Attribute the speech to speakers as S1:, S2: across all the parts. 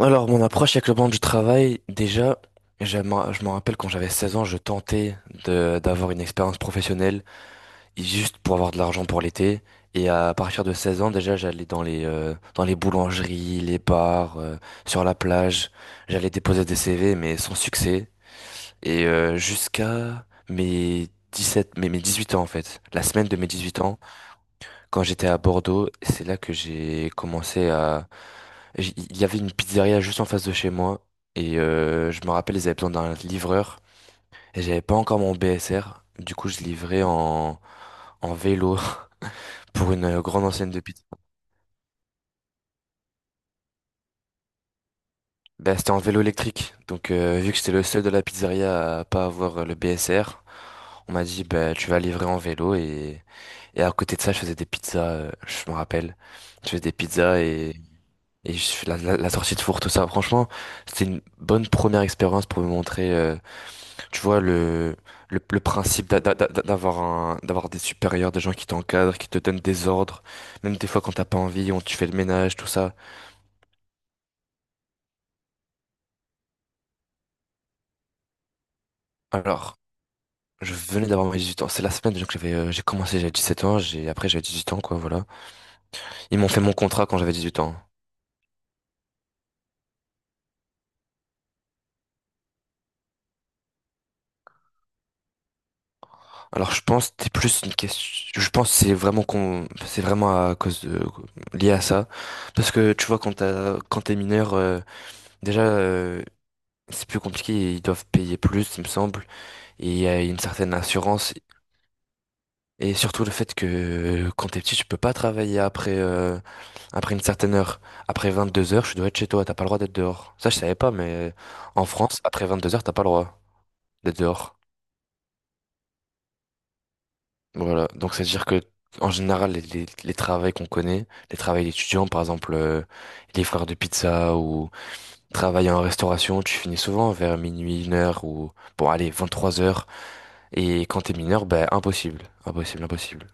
S1: Alors, mon approche avec le monde du travail, déjà, je me rappelle quand j'avais 16 ans, je tentais d'avoir une expérience professionnelle juste pour avoir de l'argent pour l'été. Et à partir de 16 ans, déjà, j'allais dans les boulangeries, les bars, sur la plage. J'allais déposer des CV, mais sans succès. Jusqu'à mes 18 ans, en fait. La semaine de mes 18 ans, quand j'étais à Bordeaux, c'est là que j'ai commencé à... Il y avait une pizzeria juste en face de chez moi. Je me rappelle, ils avaient besoin d'un livreur. Et j'avais pas encore mon BSR. Du coup, je livrais en vélo pour une grande enseigne de pizza. Bah, c'était en vélo électrique. Donc, vu que j'étais le seul de la pizzeria à pas avoir le BSR, on m'a dit, bah, tu vas livrer en vélo. Et à côté de ça, je faisais des pizzas, je me rappelle. Je faisais des pizzas et je fais la sortie de four, tout ça. Franchement, c'était une bonne première expérience pour me montrer, tu vois, le principe d'avoir d'avoir des supérieurs, des gens qui t'encadrent, qui te donnent des ordres. Même des fois quand t'as pas envie, tu fais le ménage, tout ça. Alors, je venais d'avoir mes 18 ans. C'est la semaine, donc j'avais j'ai commencé j'avais 17 ans, j'ai après j'avais 18 ans quoi, voilà. Ils m'ont fait mon contrat quand j'avais 18 ans. Alors, je pense que c'est plus une question, je pense que c'est vraiment c'est vraiment à cause de, lié à ça, parce que tu vois quand t'as quand t'es mineur, déjà, c'est plus compliqué, ils doivent payer plus il me semble, et il y a une certaine assurance. Et surtout le fait que quand t'es petit, tu peux pas travailler après une certaine heure. Après 22 heures, tu dois être chez toi, t'as pas le droit d'être dehors. Ça, je savais pas, mais en France, après 22 heures, t'as pas le droit d'être dehors. Voilà, donc c'est-à-dire que en général, les travails qu'on connaît, les travails d'étudiants, par exemple les frères de pizza ou travailler en restauration, tu finis souvent vers minuit, une heure ou bon allez, 23 heures. Et quand t'es mineur, ben impossible, impossible, impossible.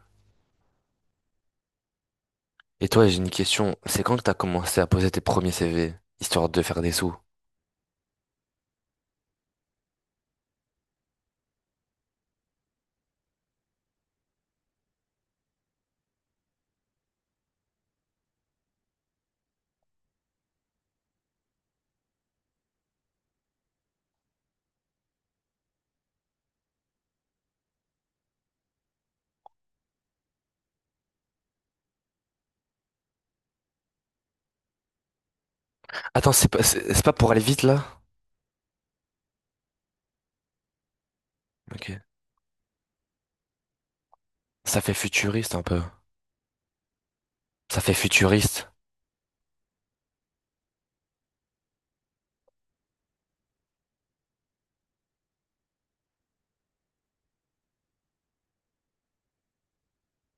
S1: Et toi, j'ai une question. C'est quand que t'as commencé à poser tes premiers CV, histoire de faire des sous? Attends, c'est pas pour aller vite là? Ok. Ça fait futuriste un peu. Ça fait futuriste.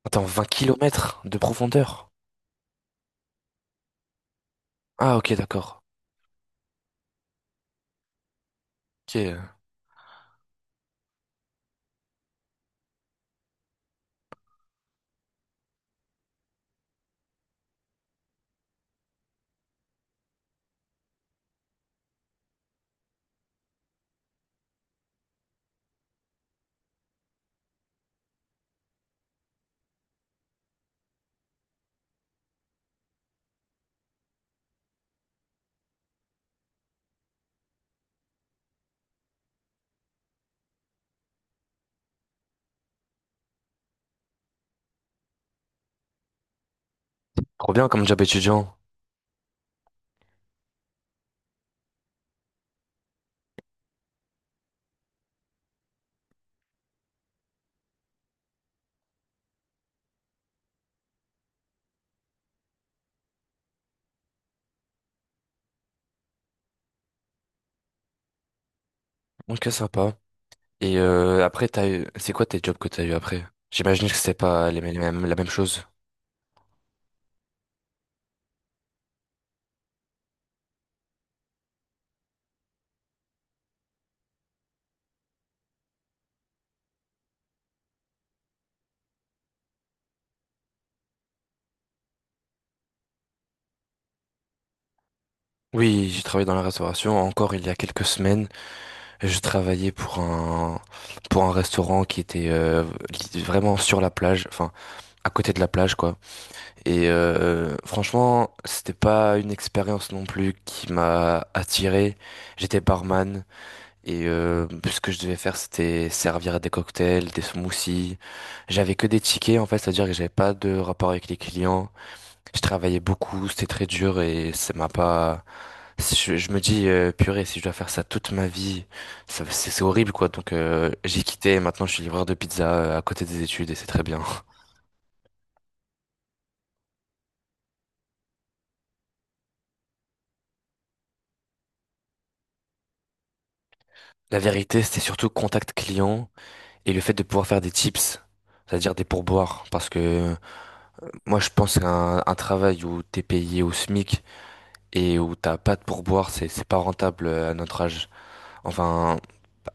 S1: Attends, 20 kilomètres de profondeur. Ah, ok, d'accord. Ok. Trop bien comme job étudiant. Ok, sympa. Après, t'as eu... c'est quoi tes jobs que t'as eu après? J'imagine que c'était pas les mêmes, la même chose. Oui, j'ai travaillé dans la restauration encore il y a quelques semaines. Je travaillais pour un restaurant qui était vraiment sur la plage, enfin à côté de la plage quoi. Franchement, c'était pas une expérience non plus qui m'a attiré. J'étais barman et ce que je devais faire c'était servir des cocktails, des smoothies. J'avais que des tickets en fait, c'est-à-dire que j'avais pas de rapport avec les clients. Je travaillais beaucoup, c'était très dur et ça m'a pas... Je me dis, purée, si je dois faire ça toute ma vie, c'est horrible quoi. Donc, j'ai quitté et maintenant je suis livreur de pizza, à côté des études, et c'est très bien. La vérité, c'était surtout contact client et le fait de pouvoir faire des tips, c'est-à-dire des pourboires. Parce que moi je pense qu'un un travail où t'es payé au SMIC et où t'as pas de pourboire, c'est pas rentable, à notre âge. Enfin,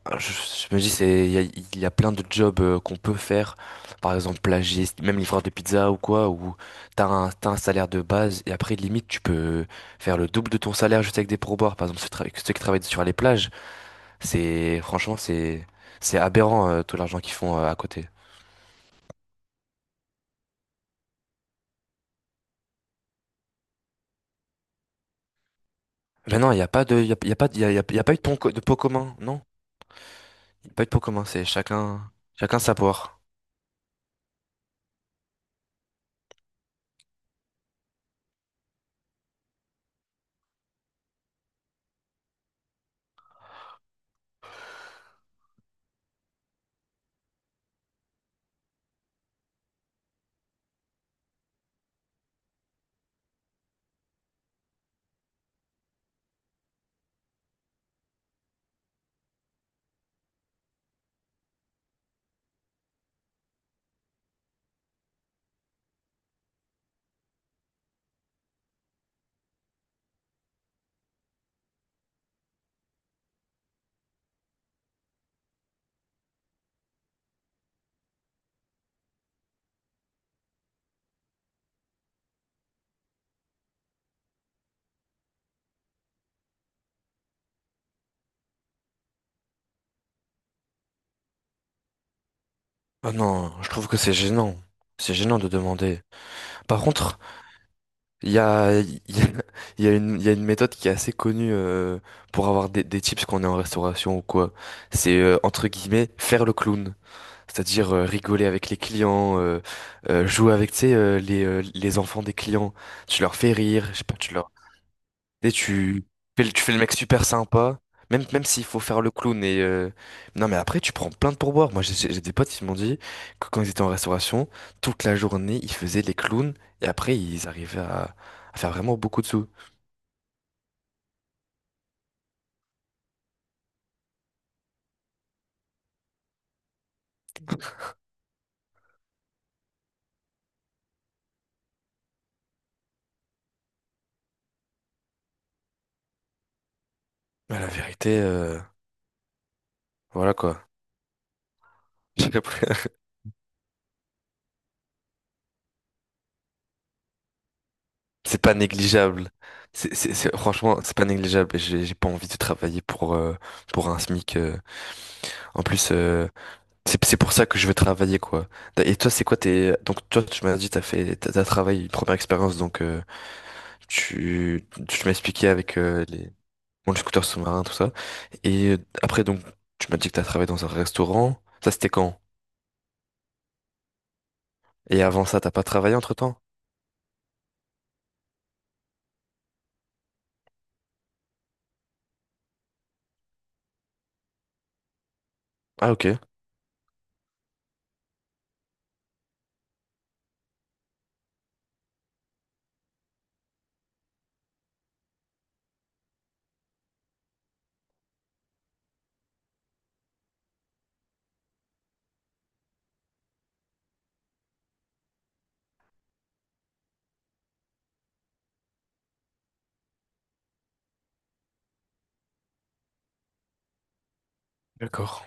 S1: ah, je me dis, il y a plein de jobs, qu'on peut faire, par exemple plagiste, même livreur de pizza ou quoi, où t'as un salaire de base, et après limite tu peux faire le double de ton salaire juste avec des pourboires. Par exemple, ceux qui travaillent sur les plages, c'est franchement, c'est aberrant, tout l'argent qu'ils font, à côté. Mais non, il y a pas de, il y a pas, de- il y a, il y a- il y a pas eu de de pot commun, non? Il y a pas eu de pot commun, c'est chacun sa poire. Ah non, je trouve que c'est gênant de demander. Par contre. Il y a, il y a, il y a une méthode qui est assez connue, pour avoir des tips quand on est en restauration ou quoi. C'est, entre guillemets, faire le clown, c'est-à-dire rigoler avec les clients, jouer avec, tu sais, les enfants des clients. Tu leur fais rire, je sais pas, tu leur et tu fais le mec super sympa, même, même s'il faut faire le clown. Non, mais après, tu prends plein de pourboires. Moi, j'ai des potes qui m'ont dit que quand ils étaient en restauration, toute la journée, ils faisaient les clowns, et après, ils arrivaient à faire vraiment beaucoup de sous. Mais la vérité, voilà quoi. J'ai l'impression... C'est pas négligeable. Franchement, c'est pas négligeable. J'ai pas envie de travailler pour un SMIC. En plus. C'est pour ça que je veux travailler, quoi. Et toi, c'est quoi tes... Donc, toi, tu m'as dit, t'as fait... T'as travaillé une première expérience, donc... tu... Tu m'as expliqué avec les... Bon, le scooter sous-marin, tout ça. Et après, donc, tu m'as dit que t'as travaillé dans un restaurant. Ça, c'était quand? Et avant ça, t'as pas travaillé entre-temps? Ah, ok. D'accord.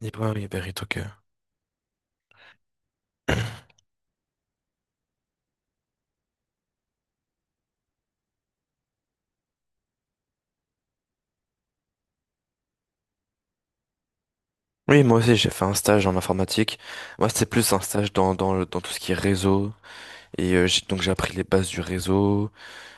S1: Libre, oui, Uber Eats, ok. Oui, moi aussi, j'ai fait un stage en informatique. Moi, c'était plus un stage dans tout ce qui est réseau. Donc, j'ai appris les bases du réseau.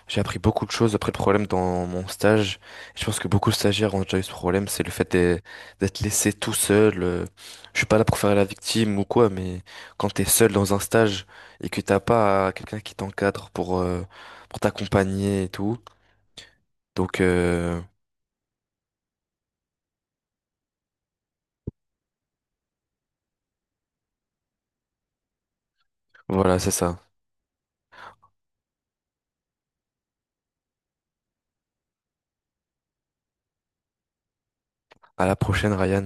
S1: J'ai appris beaucoup de choses après le problème dans mon stage. Je pense que beaucoup de stagiaires ont déjà eu ce problème, c'est le fait d'être laissé tout seul. Je suis pas là pour faire la victime ou quoi, mais quand t'es seul dans un stage et que t'as pas quelqu'un qui t'encadre pour t'accompagner et tout. Donc, voilà, c'est ça. À la prochaine, Ryan.